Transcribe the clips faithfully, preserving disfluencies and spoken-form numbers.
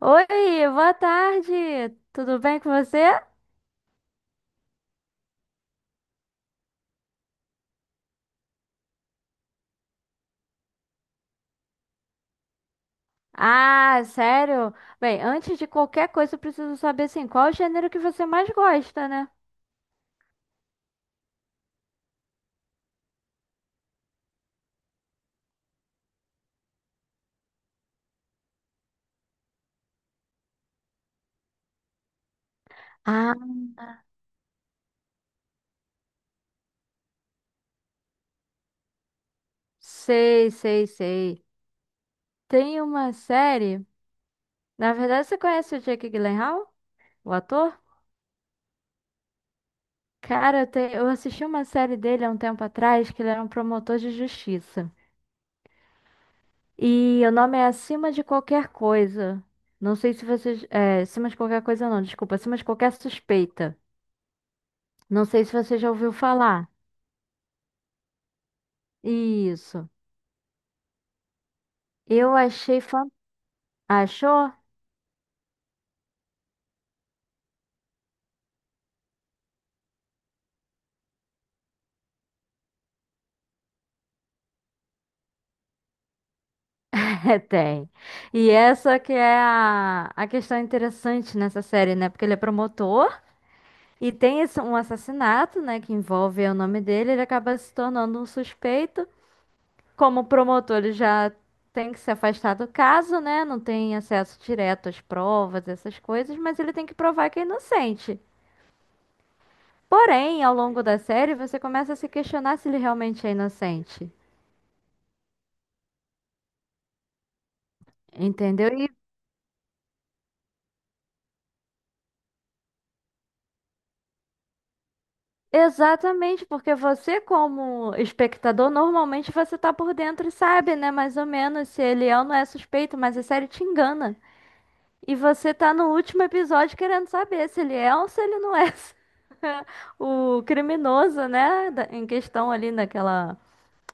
Oi, boa tarde. Tudo bem com você? Ah, sério? Bem, antes de qualquer coisa, eu preciso saber assim, qual é o gênero que você mais gosta, né? Ah, sei, sei, sei. Tem uma série. Na verdade, você conhece o Jake Gyllenhaal, o ator? Cara, eu, te- eu assisti uma série dele há um tempo atrás, que ele era um promotor de justiça. E o nome é Acima de Qualquer Coisa. Não sei se vocês. É, acima de qualquer coisa, não, desculpa. Acima de qualquer suspeita. Não sei se você já ouviu falar. Isso. Eu achei fantástico. Achou? É, tem. E essa que é a, a questão interessante nessa série, né? Porque ele é promotor e tem esse- um assassinato, né? Que envolve o nome dele. Ele acaba se tornando um suspeito. Como promotor, ele já tem que se afastar do caso, né? Não tem acesso direto às provas, essas coisas, mas ele tem que provar que é inocente. Porém, ao longo da série, você começa a se questionar se ele realmente é inocente. Entendeu? E exatamente, porque você, como espectador, normalmente você tá por dentro e sabe, né? Mais ou menos se ele é ou não é suspeito, mas a série te engana. E você tá no último episódio querendo saber se ele é ou se ele não é o criminoso, né? da- Em questão ali naquela,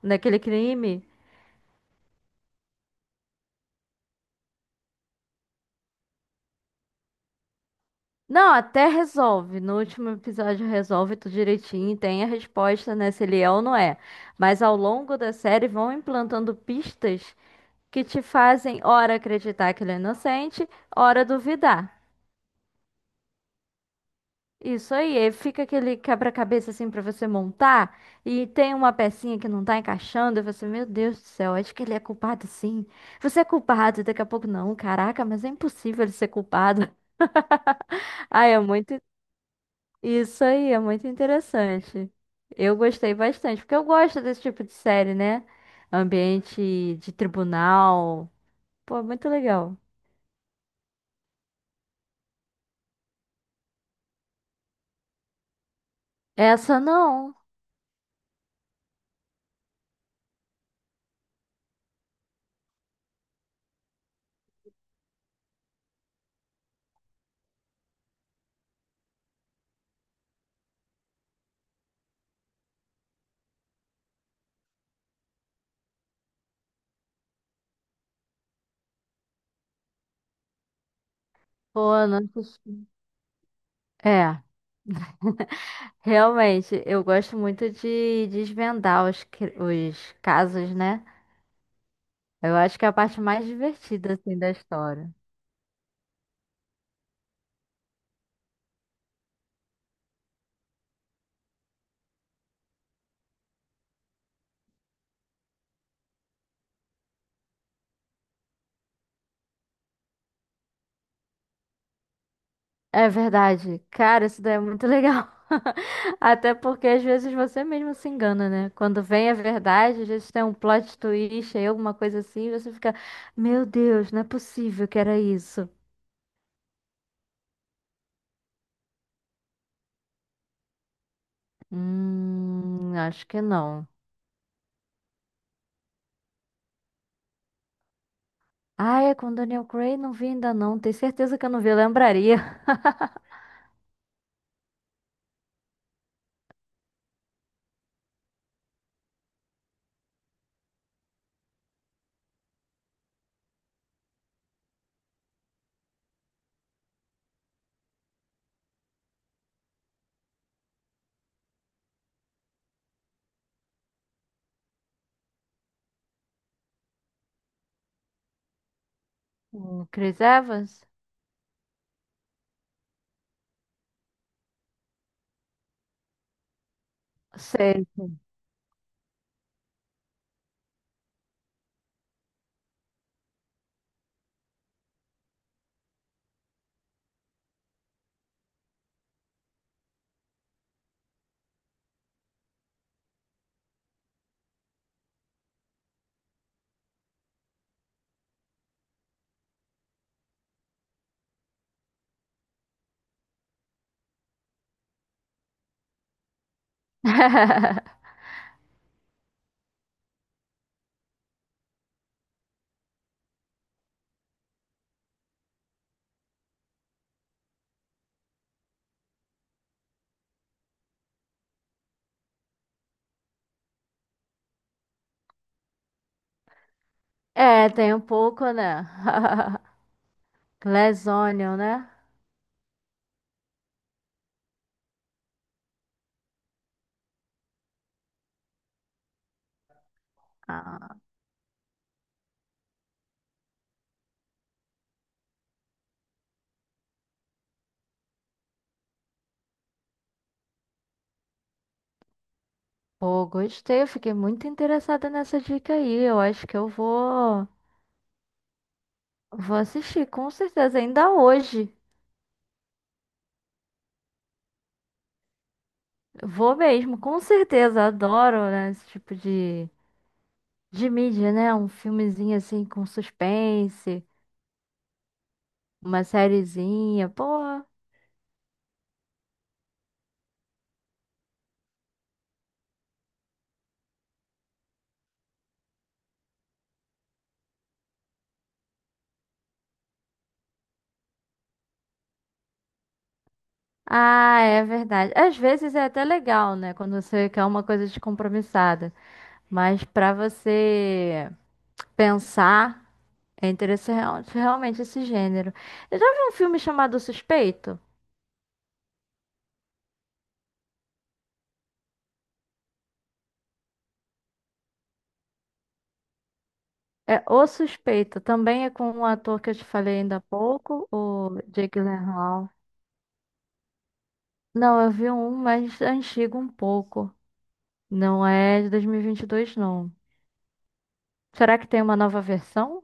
naquele crime. Não, até resolve. No último episódio resolve tudo direitinho, tem a resposta, né? Se ele é ou não é. Mas ao longo da série vão implantando pistas, que te fazem ora acreditar que ele é inocente, ora duvidar. Isso aí, aí fica aquele quebra-cabeça assim pra você montar e tem uma pecinha que não tá encaixando e você, meu Deus do céu, acho que ele é culpado sim. Você é culpado, e daqui a pouco não, caraca, mas é impossível ele ser culpado. Ah, é muito isso aí, é muito interessante. Eu gostei bastante, porque eu gosto desse tipo de série, né? Ambiente de tribunal. Pô, muito legal. Essa não. Pô, não assisti. É, realmente, eu gosto muito de desvendar os, cri- os casos, né? Eu acho que é a parte mais divertida, assim, da história. É verdade. Cara, isso daí é muito legal. Até porque às vezes você mesmo se engana, né? Quando vem a verdade, às vezes tem um plot twist aí, alguma coisa assim, e você fica, meu Deus, não é possível que era isso. Hum, acho que não. Ah, é com Daniel Craig, não vi ainda não. Tenho certeza que eu não vi, eu lembraria. O Chris Evans? Sei, sim. É, tem um pouco, né? Glazonion, né? Ah, pô, gostei. Eu fiquei muito interessada nessa dica aí. Eu acho que eu vou, vou assistir, com certeza, ainda hoje. Vou mesmo, com certeza. Adoro, né, esse tipo de, de mídia, né? Um filmezinho assim com suspense, uma sériezinha, pô. Ah, é verdade. Às vezes é até legal, né? Quando você quer uma coisa descompromissada. Mas para você pensar, é interessante realmente esse gênero. Eu já vi um filme chamado O Suspeito? É O Suspeito. Também é com um ator que eu te falei ainda há pouco, o Jake Gyllenhaal. Não, eu vi um mais antigo um pouco. Não é de dois mil e vinte e dois, não. Será que tem uma nova versão?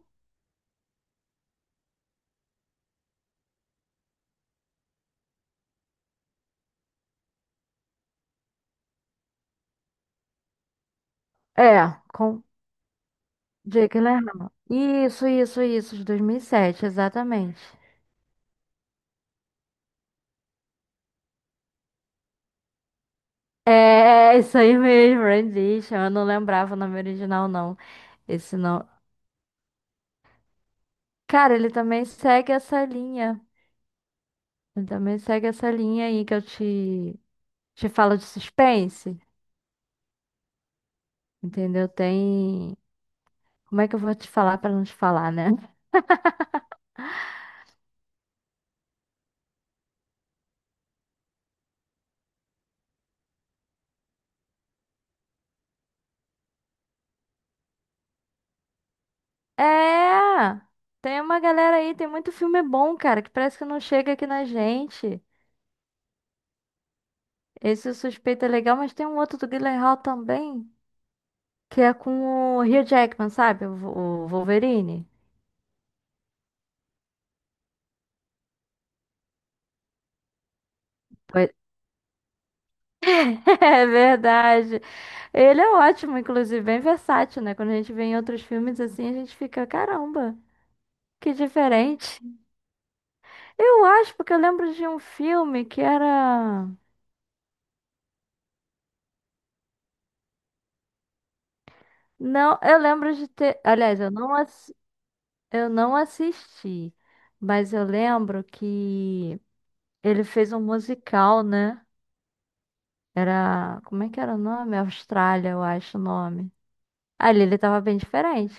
É, com Jake Gyllenhaal. Isso, isso, isso, de dois mil e sete, exatamente. É, é isso aí mesmo, Rendition. Eu não lembrava o nome original, não. Esse não. Cara, ele também segue essa linha. Ele também segue essa linha aí que eu te, te falo de suspense. Entendeu? Tem. Como é que eu vou te falar pra não te falar, né? É! Tem uma galera aí, tem muito filme bom, cara, que parece que não chega aqui na gente. Esse O Suspeito é legal, mas tem um outro do Guilherme Hall também, que é com o Hugh Jackman, sabe? O Vo- o Wolverine. É verdade. Ele é ótimo, inclusive, bem versátil, né? Quando a gente vê em outros filmes assim, a gente fica, caramba, que diferente. Eu acho, porque eu lembro de um filme que era. Não, eu lembro de ter. Aliás, eu não, ass- eu não assisti, mas eu lembro que ele fez um musical, né? Era. Como é que era o nome? Austrália, eu acho o nome. Ali ele tava bem diferente.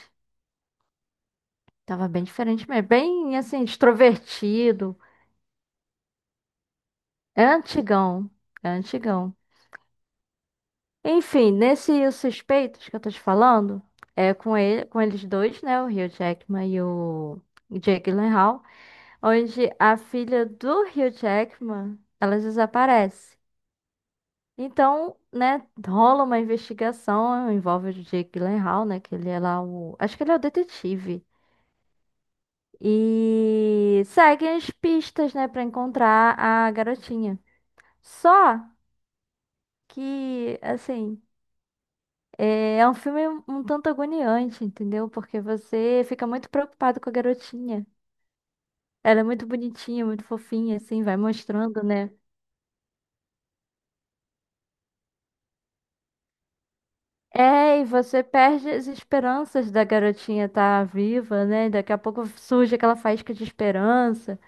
Tava bem diferente mesmo. Bem, assim, extrovertido. É antigão, é antigão. Enfim, nesse Os Suspeitos que eu tô te falando, é com ele, com eles dois, né, o Hugh Jackman e o Jake Gyllenhaal, onde a filha do Hugh Jackman, ela desaparece. Então, né, rola uma investigação, envolve o Jake Gyllenhaal, né, que ele é lá o, acho que ele é o detetive. E seguem as pistas, né, pra encontrar a garotinha. Só que, assim, é é um filme um um tanto agoniante, entendeu? Porque você fica muito preocupado com a garotinha. Ela é muito bonitinha, muito fofinha, assim, vai mostrando, né? É, e você perde as esperanças da garotinha estar viva, né? Daqui a pouco surge aquela faísca de esperança.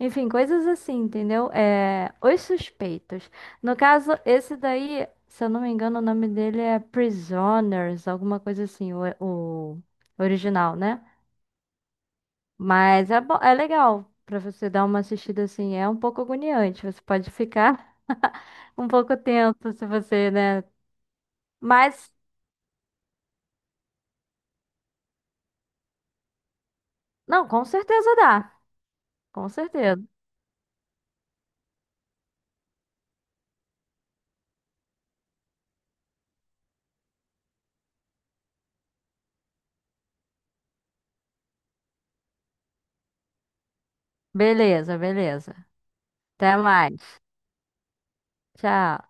Enfim, coisas assim, entendeu? É, Os Suspeitos. No caso, esse daí, se eu não me engano, o nome dele é Prisoners, alguma coisa assim, o, o original, né? Mas é, bo- é legal pra você dar uma assistida assim. É um pouco agoniante. Você pode ficar um pouco tenso se você, né? Mas, não, com certeza dá. Com certeza. Beleza, beleza. Até mais. Tchau.